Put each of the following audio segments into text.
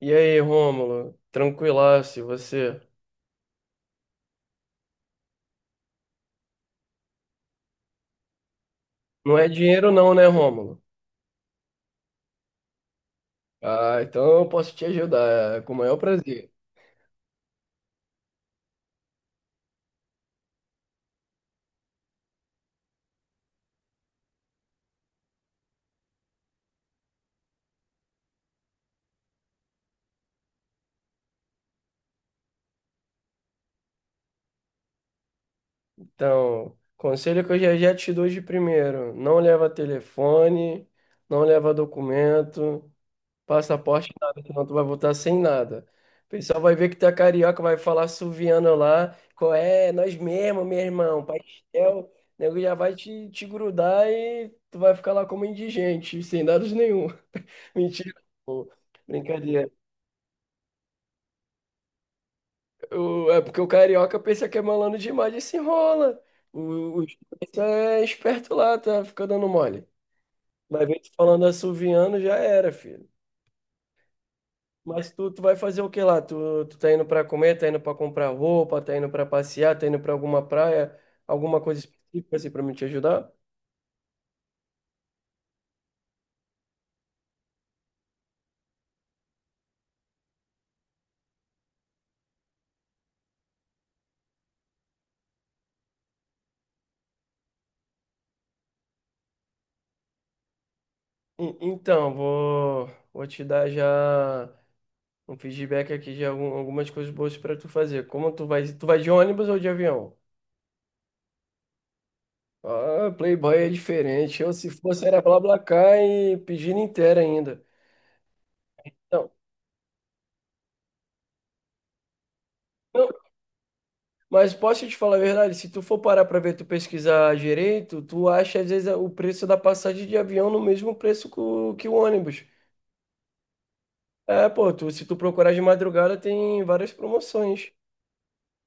E aí, Rômulo? Tranquilaço, e você? Não é dinheiro não, né, Rômulo? Ah, então eu posso te ajudar, é com o maior prazer. Então, conselho que eu já já te dou de primeiro, não leva telefone, não leva documento, passaporte, nada, senão tu vai voltar sem nada. O pessoal vai ver que tu é carioca, vai falar suviano lá, qual é, nós mesmo, meu irmão, pastel, o nego já vai te grudar e tu vai ficar lá como indigente, sem dados nenhum. Mentira. Brincadeira. O- é porque o carioca pensa que é malandro demais e se enrola. O Chupaca é esperto lá, tá? Fica dando mole. Mas vem tu falando assoviano, já era, filho. Mas tu vai fazer o que lá? Tu tá indo pra comer, tá indo pra comprar roupa, tá indo pra passear, tá indo pra alguma praia, alguma coisa específica assim pra me te ajudar? Então, vou te dar já um feedback aqui de algumas coisas boas pra tu fazer. Como tu vai? Tu vai de ônibus ou de avião? Ah, Playboy é diferente. Eu, se fosse, era BlaBlaCar e pedindo inteira ainda. Não, não, mas posso te falar a verdade? Se tu for parar pra ver, tu pesquisar direito, tu acha às vezes o preço da passagem de avião no mesmo preço que o ônibus. É, pô, tu, se tu procurar de madrugada, tem várias promoções.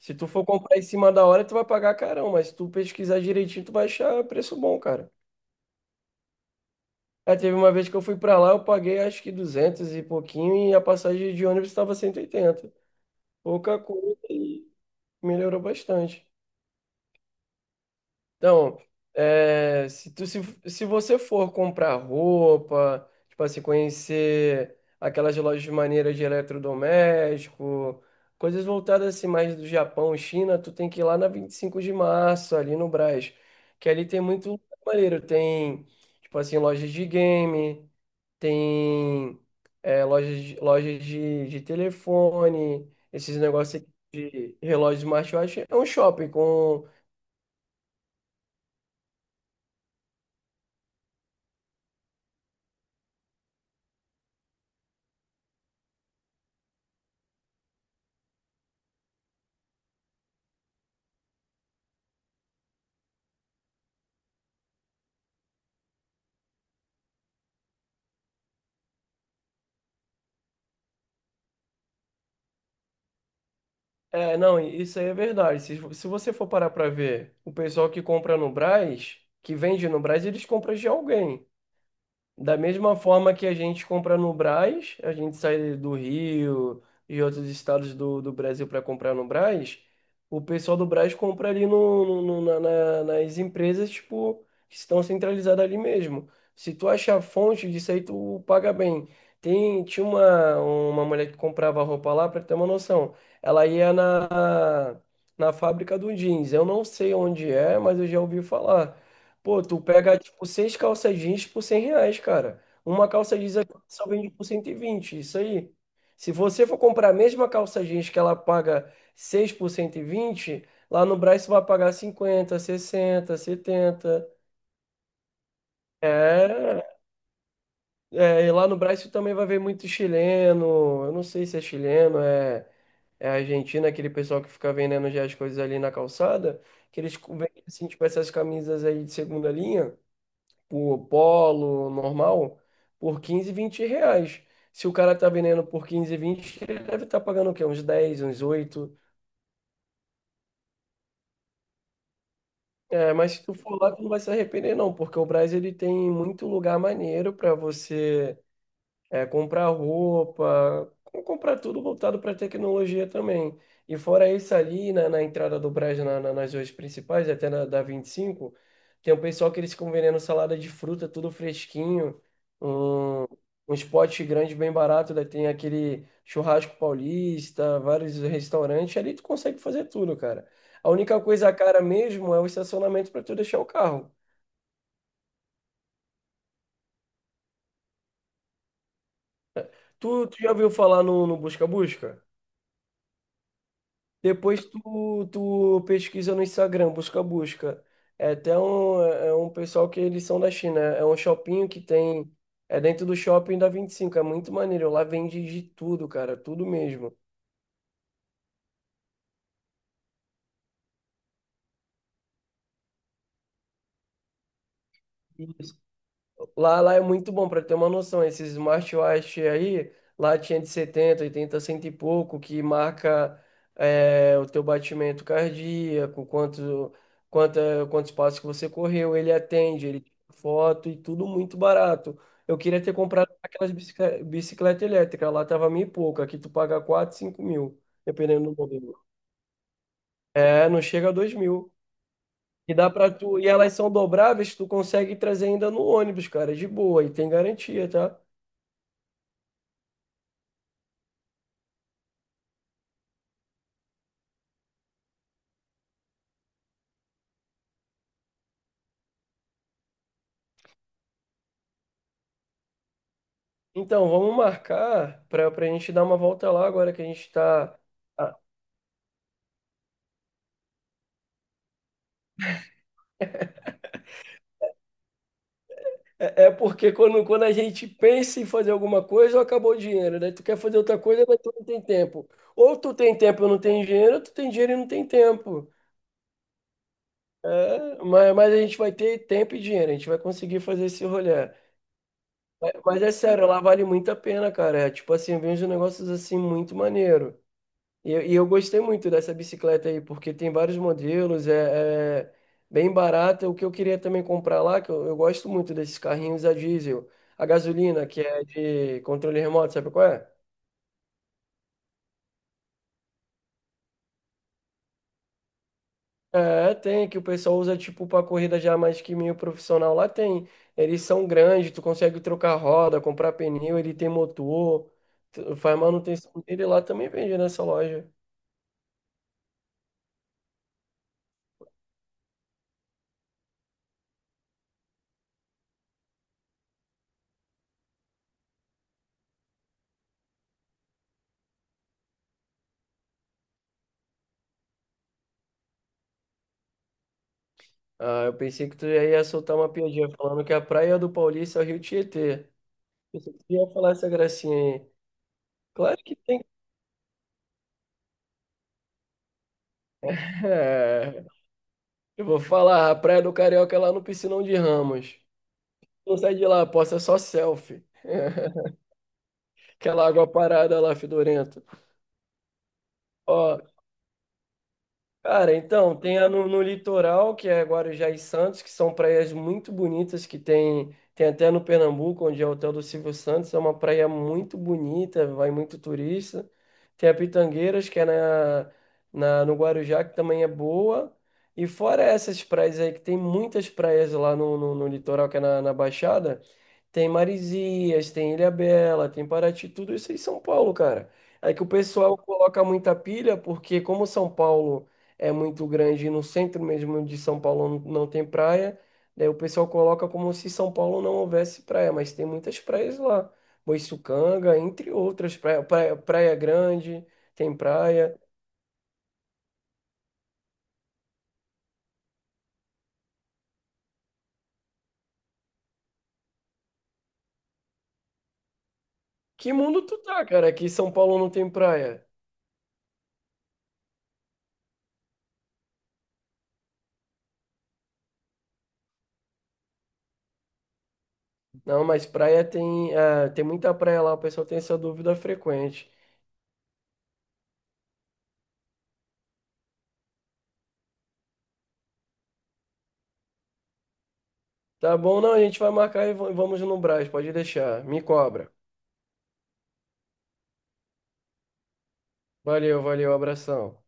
Se tu for comprar em cima da hora, tu vai pagar carão, mas se tu pesquisar direitinho, tu vai achar preço bom, cara. É, teve uma vez que eu fui pra lá, eu paguei acho que 200 e pouquinho e a passagem de ônibus estava 180. Pouca coisa e melhorou bastante. Então, é, se, tu, se você for comprar roupa, tipo assim, conhecer aquelas lojas maneiras de eletrodoméstico, coisas voltadas assim mais do Japão, China, tu tem que ir lá na 25 de Março, ali no Brás, que ali tem muito lugar maneiro, tem, tipo assim, lojas de game, tem lojas de telefone, esses negócios aqui de relógio smartwatch, é um shopping com. É, não, isso aí é verdade. Se você for parar para ver, o pessoal que compra no Brás, que vende no Brás, eles compram de alguém. Da mesma forma que a gente compra no Brás, a gente sai do Rio e outros estados do Brasil para comprar no Brás, o pessoal do Brás compra ali nas empresas tipo, que estão centralizadas ali mesmo. Se tu achar fonte disso aí, tu paga bem. Tem, tinha uma mulher que comprava roupa lá, para ter uma noção. Ela ia na fábrica do jeans. Eu não sei onde é, mas eu já ouvi falar. Pô, tu pega, tipo, seis calças jeans por R$ 100, cara. Uma calça jeans aqui só vende por 120 isso aí. Se você for comprar a mesma calça jeans que ela paga 6 por 120 lá no Brás, você vai pagar cinquenta, sessenta, setenta. É, é, e lá no Brasil também vai ver muito chileno. Eu não sei se é chileno, é argentino, aquele pessoal que fica vendendo já as coisas ali na calçada, que eles vendem, assim, tipo, essas camisas aí de segunda linha, por polo normal, por 15, 20 reais. Se o cara tá vendendo por 15, vinte, ele deve estar pagando o quê? Uns dez, uns oito. É, mas se tu for lá, tu não vai se arrepender, não, porque o Brás ele tem muito lugar maneiro para você comprar roupa, comprar tudo voltado para tecnologia também. E fora isso, ali na entrada do Brás, nas ruas principais, até na da 25, tem um pessoal que eles ficam vendendo salada de fruta, tudo fresquinho, um, uns potes grandes bem barato, daí tem aquele churrasco paulista, vários restaurantes, ali tu consegue fazer tudo, cara. A única coisa cara mesmo é o estacionamento para tu deixar o carro. Tu já ouviu falar no Busca Busca? Depois tu, pesquisa no Instagram, busca, busca. É um pessoal que eles são da China. É um shopping que tem. É dentro do shopping da 25. É muito maneiro. Lá vende de tudo, cara. Tudo mesmo. Isso. Lá é muito bom para ter uma noção. Esses smartwatch aí, lá tinha de setenta, oitenta, cento e pouco, que marca é, o teu batimento cardíaco, quanto, quanta, quantos passos que você correu, ele atende, ele tira foto e tudo muito barato. Eu queria ter comprado aquelas bicicleta elétrica, lá tava mil e pouco, aqui tu paga quatro, 5 mil, dependendo do modelo. É, não chega a 2 mil. E dá pra tu, e elas são dobráveis, tu consegue trazer ainda no ônibus, cara, de boa, e tem garantia, tá? Então, vamos marcar para a gente dar uma volta lá agora que a gente está. É, é porque quando a gente pensa em fazer alguma coisa, acabou o dinheiro. Daí tu quer fazer outra coisa, mas tu não tem tempo. Ou tu tem tempo e não tem dinheiro, ou tu tem dinheiro e não tem tempo. É, mas a gente vai ter tempo e dinheiro, a gente vai conseguir fazer esse rolê. Mas é sério, lá vale muito a pena, cara. É, tipo assim, vem uns negócios assim muito maneiro. E, e eu gostei muito dessa bicicleta aí, porque tem vários modelos, é bem barata. O que eu queria também comprar lá, que eu gosto muito desses carrinhos a diesel, a gasolina, que é de controle remoto, sabe qual é? É, tem, que o pessoal usa tipo para corrida já mais que meio profissional. Lá tem. Eles são grandes, tu consegue trocar roda, comprar pneu, ele tem motor, tu- faz manutenção dele, lá também vende nessa loja. Ah, eu pensei que tu já ia soltar uma piadinha falando que a praia do Paulista é o Rio Tietê. Pensei que tu ia falar essa gracinha aí. Claro que tem. É, eu vou falar, a praia do carioca é lá no Piscinão de Ramos. Não sai de lá, posta só selfie. Aquela água parada lá, fedorenta. Ó, cara, então, tem a no litoral, que é Guarujá e Santos, que são praias muito bonitas, que tem, tem até no Pernambuco, onde é o hotel do Silvio Santos, é uma praia muito bonita, vai muito turista. Tem a Pitangueiras, que é no Guarujá, que também é boa. E fora essas praias aí, que tem muitas praias lá no litoral, que é na Baixada, tem Marizias, tem Ilhabela, tem Paraty, tudo isso em São Paulo, cara. É que o pessoal coloca muita pilha porque como São Paulo é muito grande e no centro mesmo de São Paulo não tem praia, daí o pessoal coloca como se São Paulo não houvesse praia, mas tem muitas praias lá. Boiçucanga, entre outras, Praia Grande, tem praia. Que mundo tu tá, cara? Que São Paulo não tem praia. Não, mas praia tem, ah, tem muita praia lá, o pessoal tem essa dúvida frequente. Tá bom, não, a gente vai marcar e vamos no Brás, pode deixar. Me cobra. Valeu, valeu, abração.